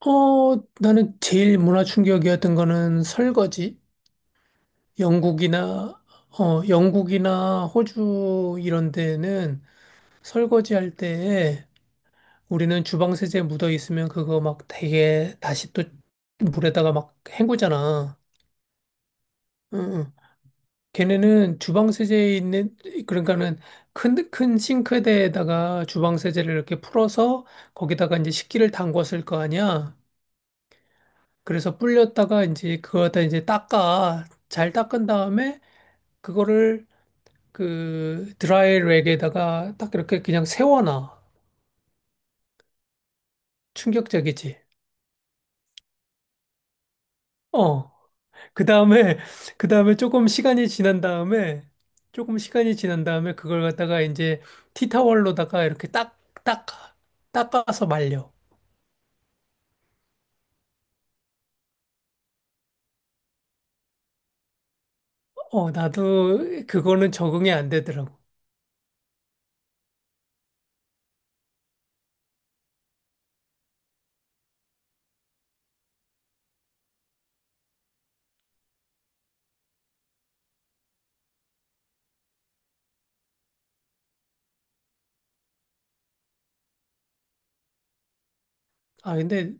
나는 제일 문화 충격이었던 거는 설거지. 영국이나, 영국이나 호주 이런 데는 설거지 할 때에 우리는 주방 세제 묻어 있으면 그거 막 되게 다시 또 물에다가 막 헹구잖아. 응, 응. 걔네는 주방 세제에 있는, 그러니까는 큰 싱크대에다가 주방 세제를 이렇게 풀어서 거기다가 이제 식기를 담궜을 거 아니야. 그래서 불렸다가 이제 그거 다 이제 닦아. 잘 닦은 다음에 그거를 그 드라이 랙에다가 딱 이렇게 그냥 세워놔. 충격적이지. 어. 그 다음에, 그 다음에 조금 시간이 지난 다음에, 조금 시간이 지난 다음에 그걸 갖다가 이제 티타월로다가 이렇게 딱, 닦아. 닦아서 말려. 나도 그거는 적응이 안 되더라고. 아, 근데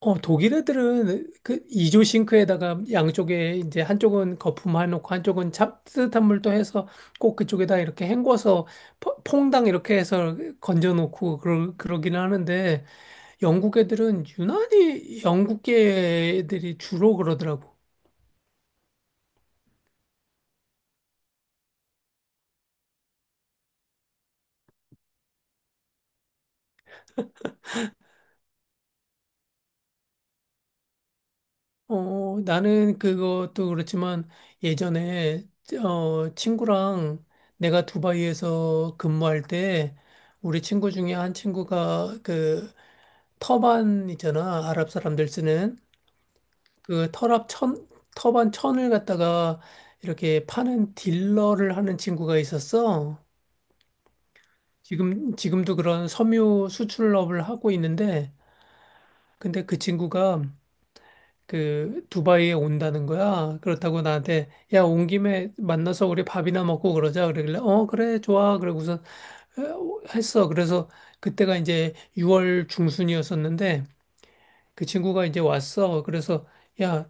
독일 애들은 그 이조 싱크에다가 양쪽에 이제 한쪽은 거품 해 놓고 한쪽은 따뜻한 물도 해서 꼭 그쪽에다 이렇게 헹궈서 퐁당 이렇게 해서 건져 놓고 그러긴 하는데 영국 애들은 유난히 영국계 애들이 주로 그러더라고. 나는 그것도 그렇지만 예전에 친구랑 내가 두바이에서 근무할 때 우리 친구 중에 한 친구가 그 터반 있잖아. 아랍 사람들 쓰는 그 터랍 천, 터반 천을 갖다가 이렇게 파는 딜러를 하는 친구가 있었어. 지금도 그런 섬유 수출업을 하고 있는데, 근데 그 친구가 그 두바이에 온다는 거야. 그렇다고 나한테, 야, 온 김에 만나서 우리 밥이나 먹고 그러자. 그러길래, 어, 그래, 좋아. 그러고서 했어. 그래서 그때가 이제 6월 중순이었었는데, 그 친구가 이제 왔어. 그래서, 야,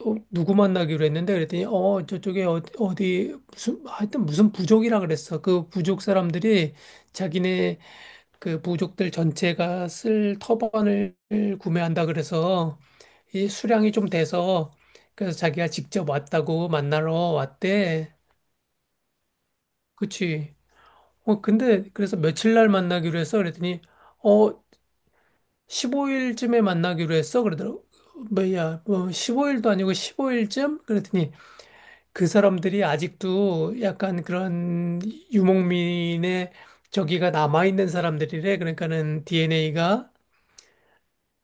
누구 만나기로 했는데 그랬더니 저쪽에 어디 무슨 하여튼 무슨 부족이라 그랬어. 그 부족 사람들이 자기네 그 부족들 전체가 쓸 터번을 구매한다 그래서 이 수량이 좀 돼서 그래서 자기가 직접 왔다고 만나러 왔대. 그치? 근데 그래서 며칠 날 만나기로 했어 그랬더니 어 15일쯤에 만나기로 했어 그러더라고. 어, 뭐야 뭐 15일도 아니고 15일쯤 그랬더니 그 사람들이 아직도 약간 그런 유목민의 저기가 남아있는 사람들이래. 그러니까는 DNA가,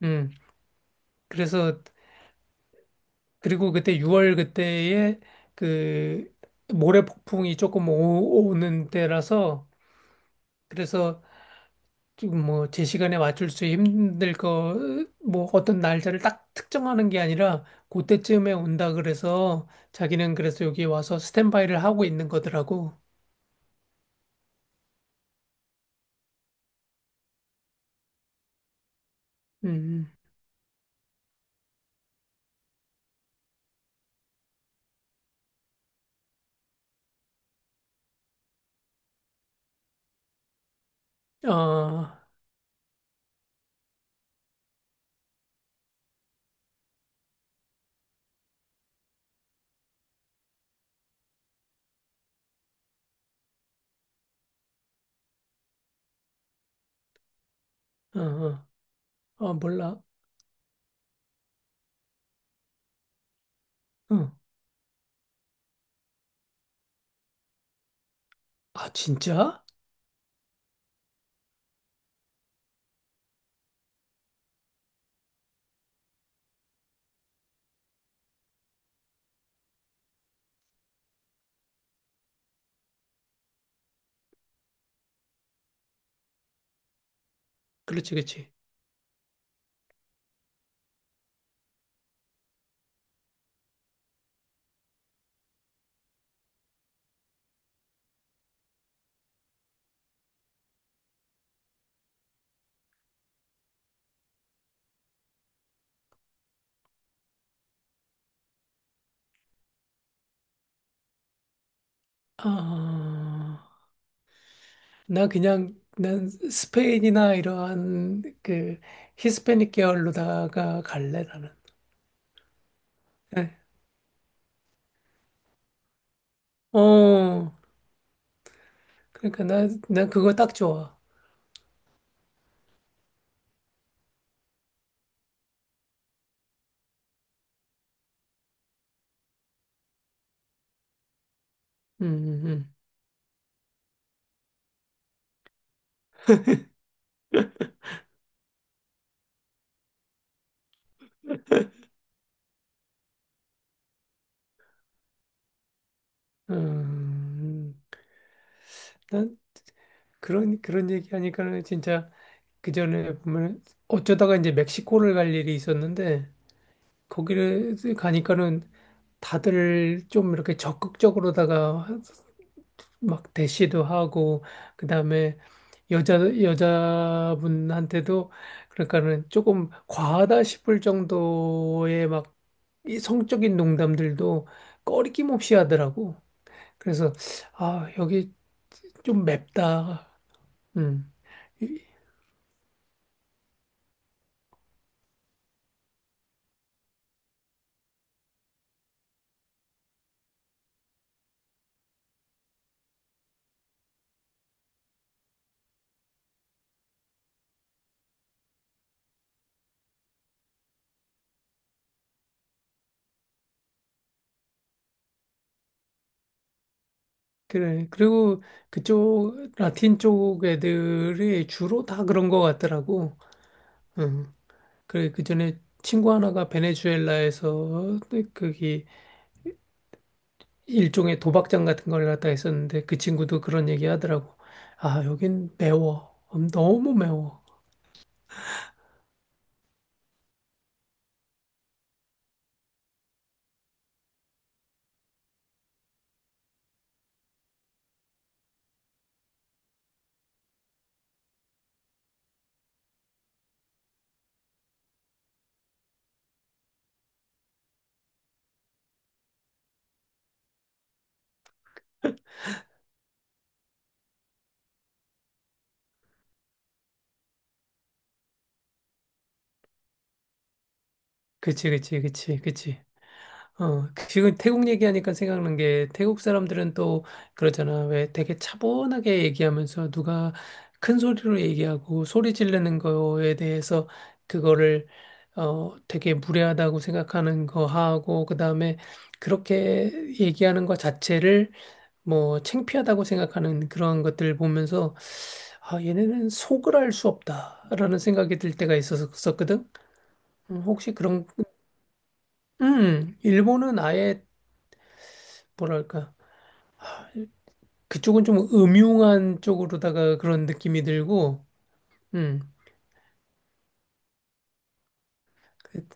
음, 그래서, 그리고 그때 6월 그때에 그 모래폭풍이 조금 오는 때라서, 그래서 좀 뭐 제 시간에 맞출 수 힘들 거, 뭐 어떤 날짜를 딱 특정하는 게 아니라, 그때쯤에 온다 그래서 자기는 그래서 여기 와서 스탠바이를 하고 있는 거더라고. 음, 어. 어, 어, 몰라. 응. 아, 진짜? 그렇지, 그렇지. 아, 난 스페인이나 이러한 그 히스패닉 계열로다가 갈래, 나는. 네. 어, 그러니까 나 그거 딱 좋아. 음, 음, 음. 음, 난 그런 얘기하니까는 진짜 그 전에 보면 어쩌다가 이제 멕시코를 갈 일이 있었는데 거기를 가니까는 다들 좀 이렇게 적극적으로다가 막 대시도 하고 그다음에 여자 여자분한테도 그러니까는 조금 과하다 싶을 정도의 막이 성적인 농담들도 꺼리낌 없이 하더라고. 그래서 아, 여기 좀 맵다. 음. 이- 그래. 그리고 그쪽 라틴 쪽 애들이 주로 다 그런 것 같더라고. 음. 그래, 그 전에 친구 하나가 베네수엘라에서 그기 일종의 도박장 같은 걸 갖다 했었는데 그 친구도 그런 얘기 하더라고. 아, 여긴 매워. 너무 매워. 그치. 어, 지금 태국 얘기하니까 생각난 게 태국 사람들은 또 그러잖아. 왜 되게 차분하게 얘기하면서 누가 큰 소리로 얘기하고 소리 지르는 거에 대해서 그거를 어, 되게 무례하다고 생각하는 거 하고 그다음에 그렇게 얘기하는 것 자체를 뭐 창피하다고 생각하는 그런 것들 보면서 아, 얘네는 속을 알 수 없다라는 생각이 들 때가 있었었거든. 혹시 그런 일본은 아예 뭐랄까 그쪽은 좀 음흉한 쪽으로다가 그런 느낌이 들고, 음, 그,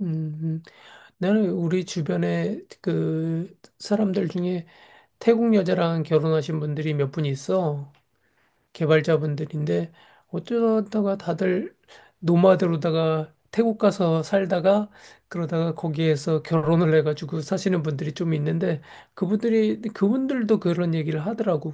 음, 음. 나는 우리 주변에 그 사람들 중에 태국 여자랑 결혼하신 분들이 몇 분 있어. 개발자분들인데 어쩌다가 다들 노마드로다가 태국 가서 살다가 그러다가 거기에서 결혼을 해가지고 사시는 분들이 좀 있는데 그분들이 그분들도 그런 얘기를 하더라고.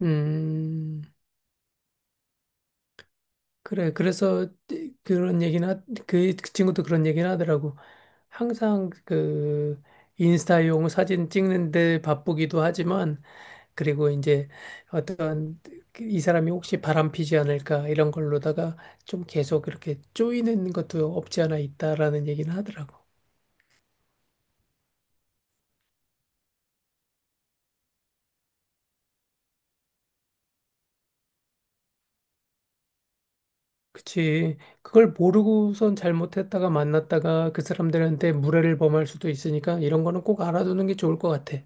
음. 그래, 그래서 그런 얘기나 그 친구도 그런 얘기는 하더라고. 항상 그 인스타용 사진 찍는데 바쁘기도 하지만 그리고 이제 어떤 그 이 사람이 혹시 바람피지 않을까 이런 걸로다가 좀 계속 이렇게 쪼이는 것도 없지 않아 있다라는 얘기는 하더라고. 그치. 그걸 모르고선 잘못했다가 만났다가 그 사람들한테 무례를 범할 수도 있으니까 이런 거는 꼭 알아두는 게 좋을 것 같아.